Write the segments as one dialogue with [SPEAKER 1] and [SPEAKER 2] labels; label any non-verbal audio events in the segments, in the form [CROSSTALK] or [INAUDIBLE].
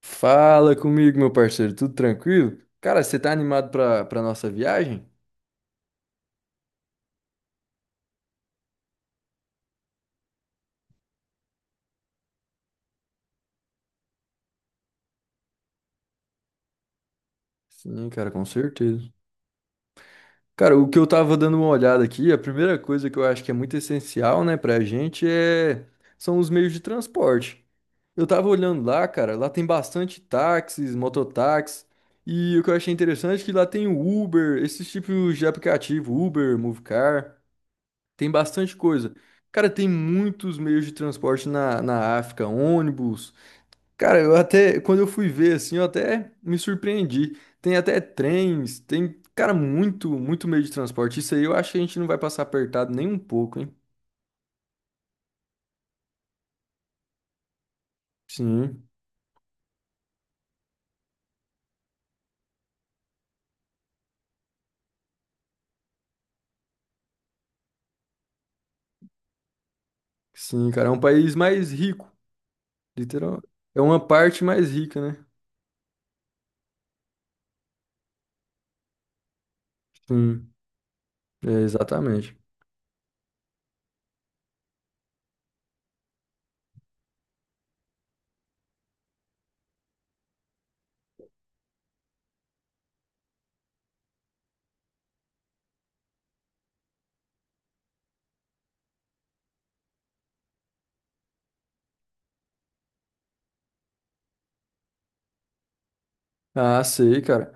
[SPEAKER 1] Fala comigo, meu parceiro, tudo tranquilo? Cara, você tá animado pra nossa viagem? Sim, cara, com certeza. Cara, o que eu tava dando uma olhada aqui, a primeira coisa que eu acho que é muito essencial, né, pra gente são os meios de transporte. Eu tava olhando lá, cara, lá tem bastante táxis, mototáxis, e o que eu achei interessante é que lá tem o Uber, esses tipos de aplicativo, Uber, Movecar, tem bastante coisa. Cara, tem muitos meios de transporte na África, ônibus. Cara, eu até, quando eu fui ver, assim, eu até me surpreendi. Tem até trens, tem, cara, muito, muito meio de transporte. Isso aí eu acho que a gente não vai passar apertado nem um pouco, hein? Sim, sim, cara, é um país mais rico, literal. É uma parte mais rica, né? Sim, é, exatamente. Ah, sei, cara.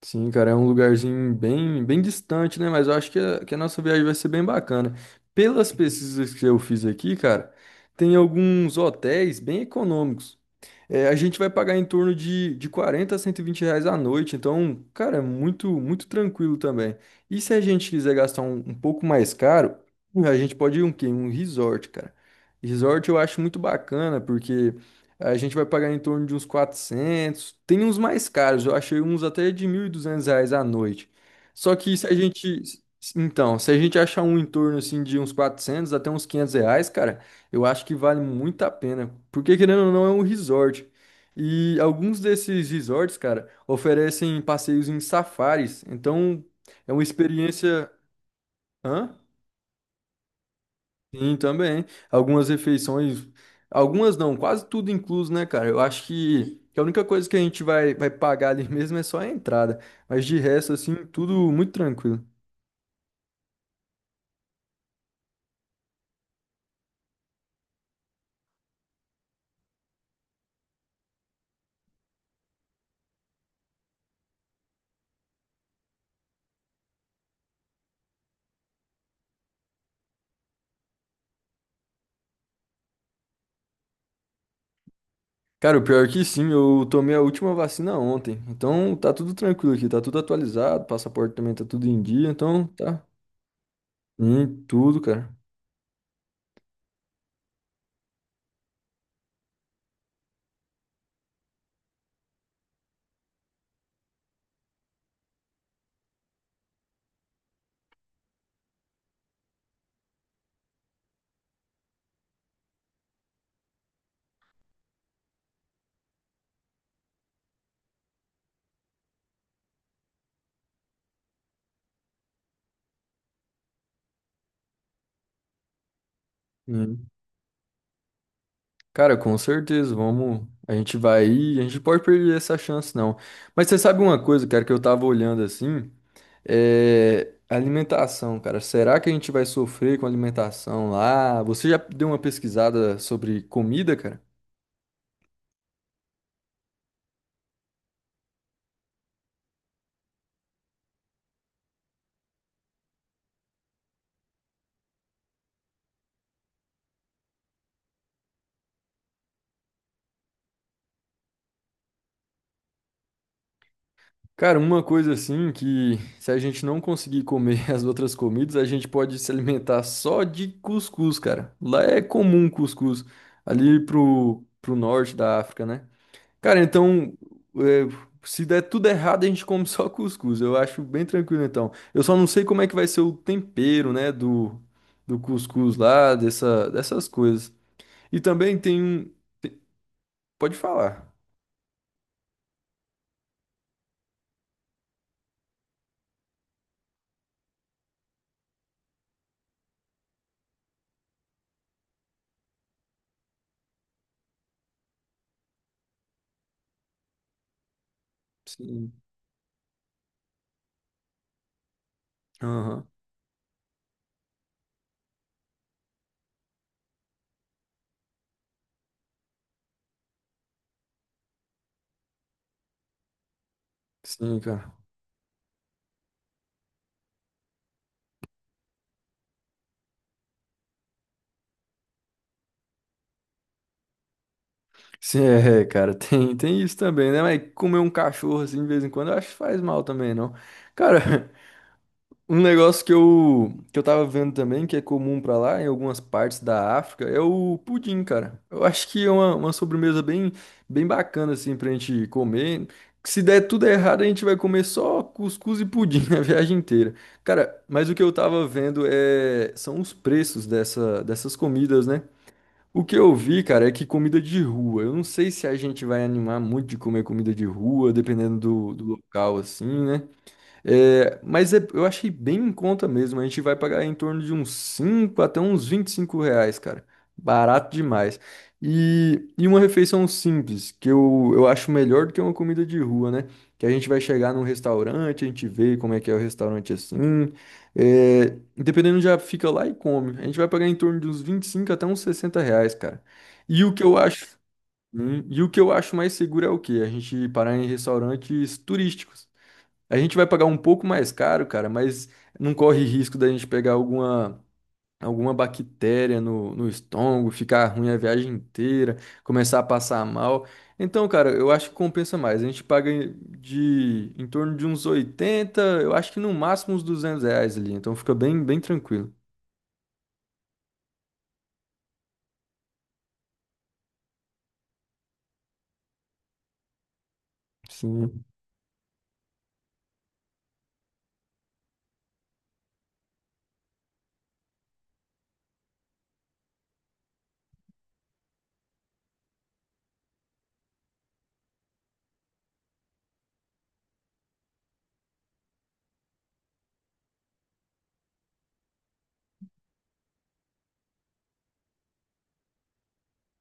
[SPEAKER 1] Sim, cara, é um lugarzinho bem, bem distante, né? Mas eu acho que a nossa viagem vai ser bem bacana. Pelas pesquisas que eu fiz aqui, cara, tem alguns hotéis bem econômicos. É, a gente vai pagar em torno de 40 a 120 reais à noite, então, cara, é muito, muito tranquilo também. E se a gente quiser gastar um pouco mais caro, a gente pode ir um quê? Um resort, cara. Resort eu acho muito bacana, porque a gente vai pagar em torno de uns 400 tem uns mais caros, eu achei uns até de 1.200 reais à noite. Só que se a gente, então, se a gente achar um em torno, assim, de uns 400 até uns 500 reais, cara... Eu acho que vale muito a pena, porque querendo ou não é um resort. E alguns desses resorts, cara, oferecem passeios em safaris. Então, é uma experiência, hã? Sim, também. Algumas refeições, algumas não, quase tudo incluso, né, cara? Eu acho que a única coisa que a gente vai pagar ali [LAUGHS] mesmo é só a entrada, mas de resto assim, tudo muito tranquilo. Cara, o pior é que sim, eu tomei a última vacina ontem. Então tá tudo tranquilo aqui, tá tudo atualizado, passaporte também tá tudo em dia, então tá em tudo, cara. Hum. Cara, com certeza, vamos. A gente vai ir, a gente pode perder essa chance, não. Mas você sabe uma coisa, cara, que eu tava olhando assim, é alimentação, cara. Será que a gente vai sofrer com alimentação lá? Você já deu uma pesquisada sobre comida, cara? Cara, uma coisa assim que se a gente não conseguir comer [LAUGHS] as outras comidas, a gente pode se alimentar só de cuscuz, cara. Lá é comum cuscuz, ali pro norte da África, né? Cara, então, é, se der tudo errado, a gente come só cuscuz. Eu acho bem tranquilo, então. Eu só não sei como é que vai ser o tempero, né, do cuscuz lá, dessas coisas. E também tem um... Pode falar. Sim. Aham. Sim, cara. Sim, é, cara, tem isso também, né? Mas comer um cachorro assim de vez em quando eu acho que faz mal também, não. Cara, [LAUGHS] um negócio que eu tava vendo também, que é comum pra lá, em algumas partes da África, é o pudim, cara. Eu acho que é uma sobremesa bem, bem bacana, assim, pra gente comer. Se der tudo errado, a gente vai comer só cuscuz e pudim [LAUGHS] a viagem inteira. Cara, mas o que eu tava vendo são os preços dessas comidas, né? O que eu vi, cara, é que comida de rua. Eu não sei se a gente vai animar muito de comer comida de rua, dependendo do local, assim, né? É, mas eu achei bem em conta mesmo. A gente vai pagar em torno de uns 5 até uns 25 reais, cara. Barato demais. E uma refeição simples, que eu acho melhor do que uma comida de rua, né? Que a gente vai chegar num restaurante, a gente vê como é que é o restaurante assim. É, dependendo, já fica lá e come. A gente vai pagar em torno de uns 25 até uns 60 reais, cara. E o que eu acho, e o que eu acho mais seguro é o quê? A gente parar em restaurantes turísticos. A gente vai pagar um pouco mais caro, cara, mas não corre risco da gente pegar alguma bactéria no estômago, ficar ruim a viagem inteira, começar a passar mal. Então, cara, eu acho que compensa mais. A gente paga em- de em torno de uns 80, eu acho que no máximo uns 200 reais ali. Então fica bem, bem tranquilo. Sim,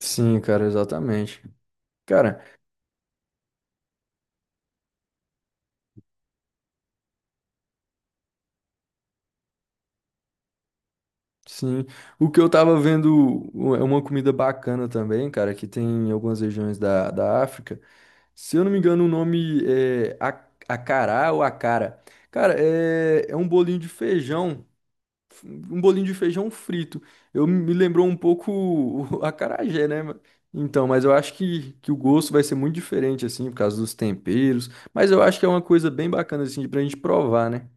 [SPEAKER 1] sim, cara, exatamente. Cara, sim. O que eu tava vendo é uma comida bacana também, cara, que tem em algumas regiões da África. Se eu não me engano, o nome é acará ou acara. Cara, é um bolinho de feijão, um bolinho de feijão frito. Eu me lembrou um pouco o [LAUGHS] acarajé, né? Então, mas eu acho que o gosto vai ser muito diferente, assim, por causa dos temperos. Mas eu acho que é uma coisa bem bacana, assim, pra gente provar, né?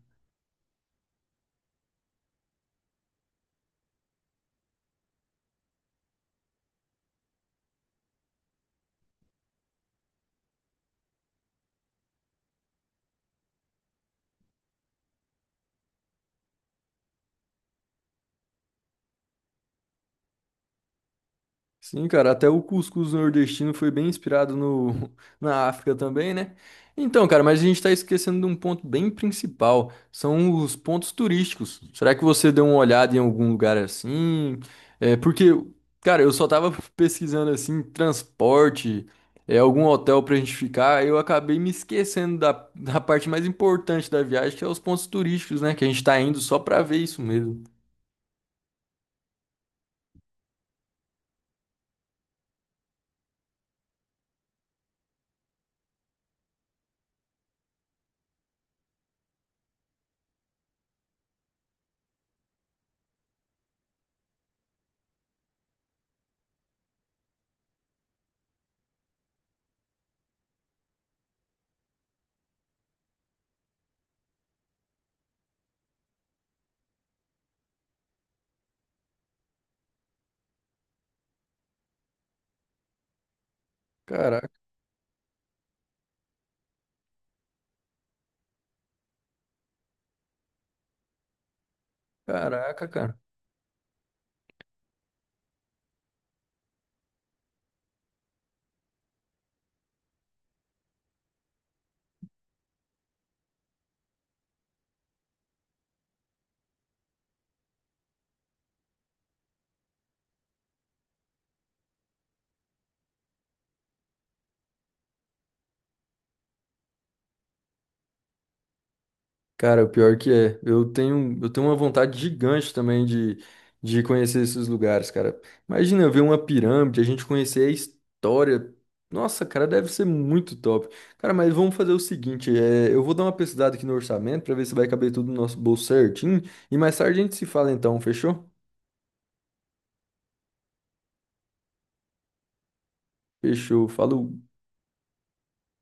[SPEAKER 1] Sim, cara, até o cuscuz nordestino foi bem inspirado no, [LAUGHS] na África também, né? Então, cara, mas a gente tá esquecendo de um ponto bem principal, são os pontos turísticos. Será que você deu uma olhada em algum lugar assim? É, porque, cara, eu só tava [LAUGHS] pesquisando assim, transporte, é, algum hotel pra gente ficar, eu acabei me esquecendo da, [LAUGHS] da parte mais importante da viagem, que é os pontos turísticos, né? Que a gente tá indo só pra ver isso mesmo. Caraca, caraca, cara. Cara, o pior que é, eu tenho uma vontade gigante também de conhecer esses lugares, cara. Imagina eu ver uma pirâmide, a gente conhecer a história. Nossa, cara, deve ser muito top. Cara, mas vamos fazer o seguinte, é, eu vou dar uma pesquisada aqui no orçamento pra ver se vai caber tudo no nosso bolso certinho e mais tarde a gente se fala então, fechou? Fechou, falou.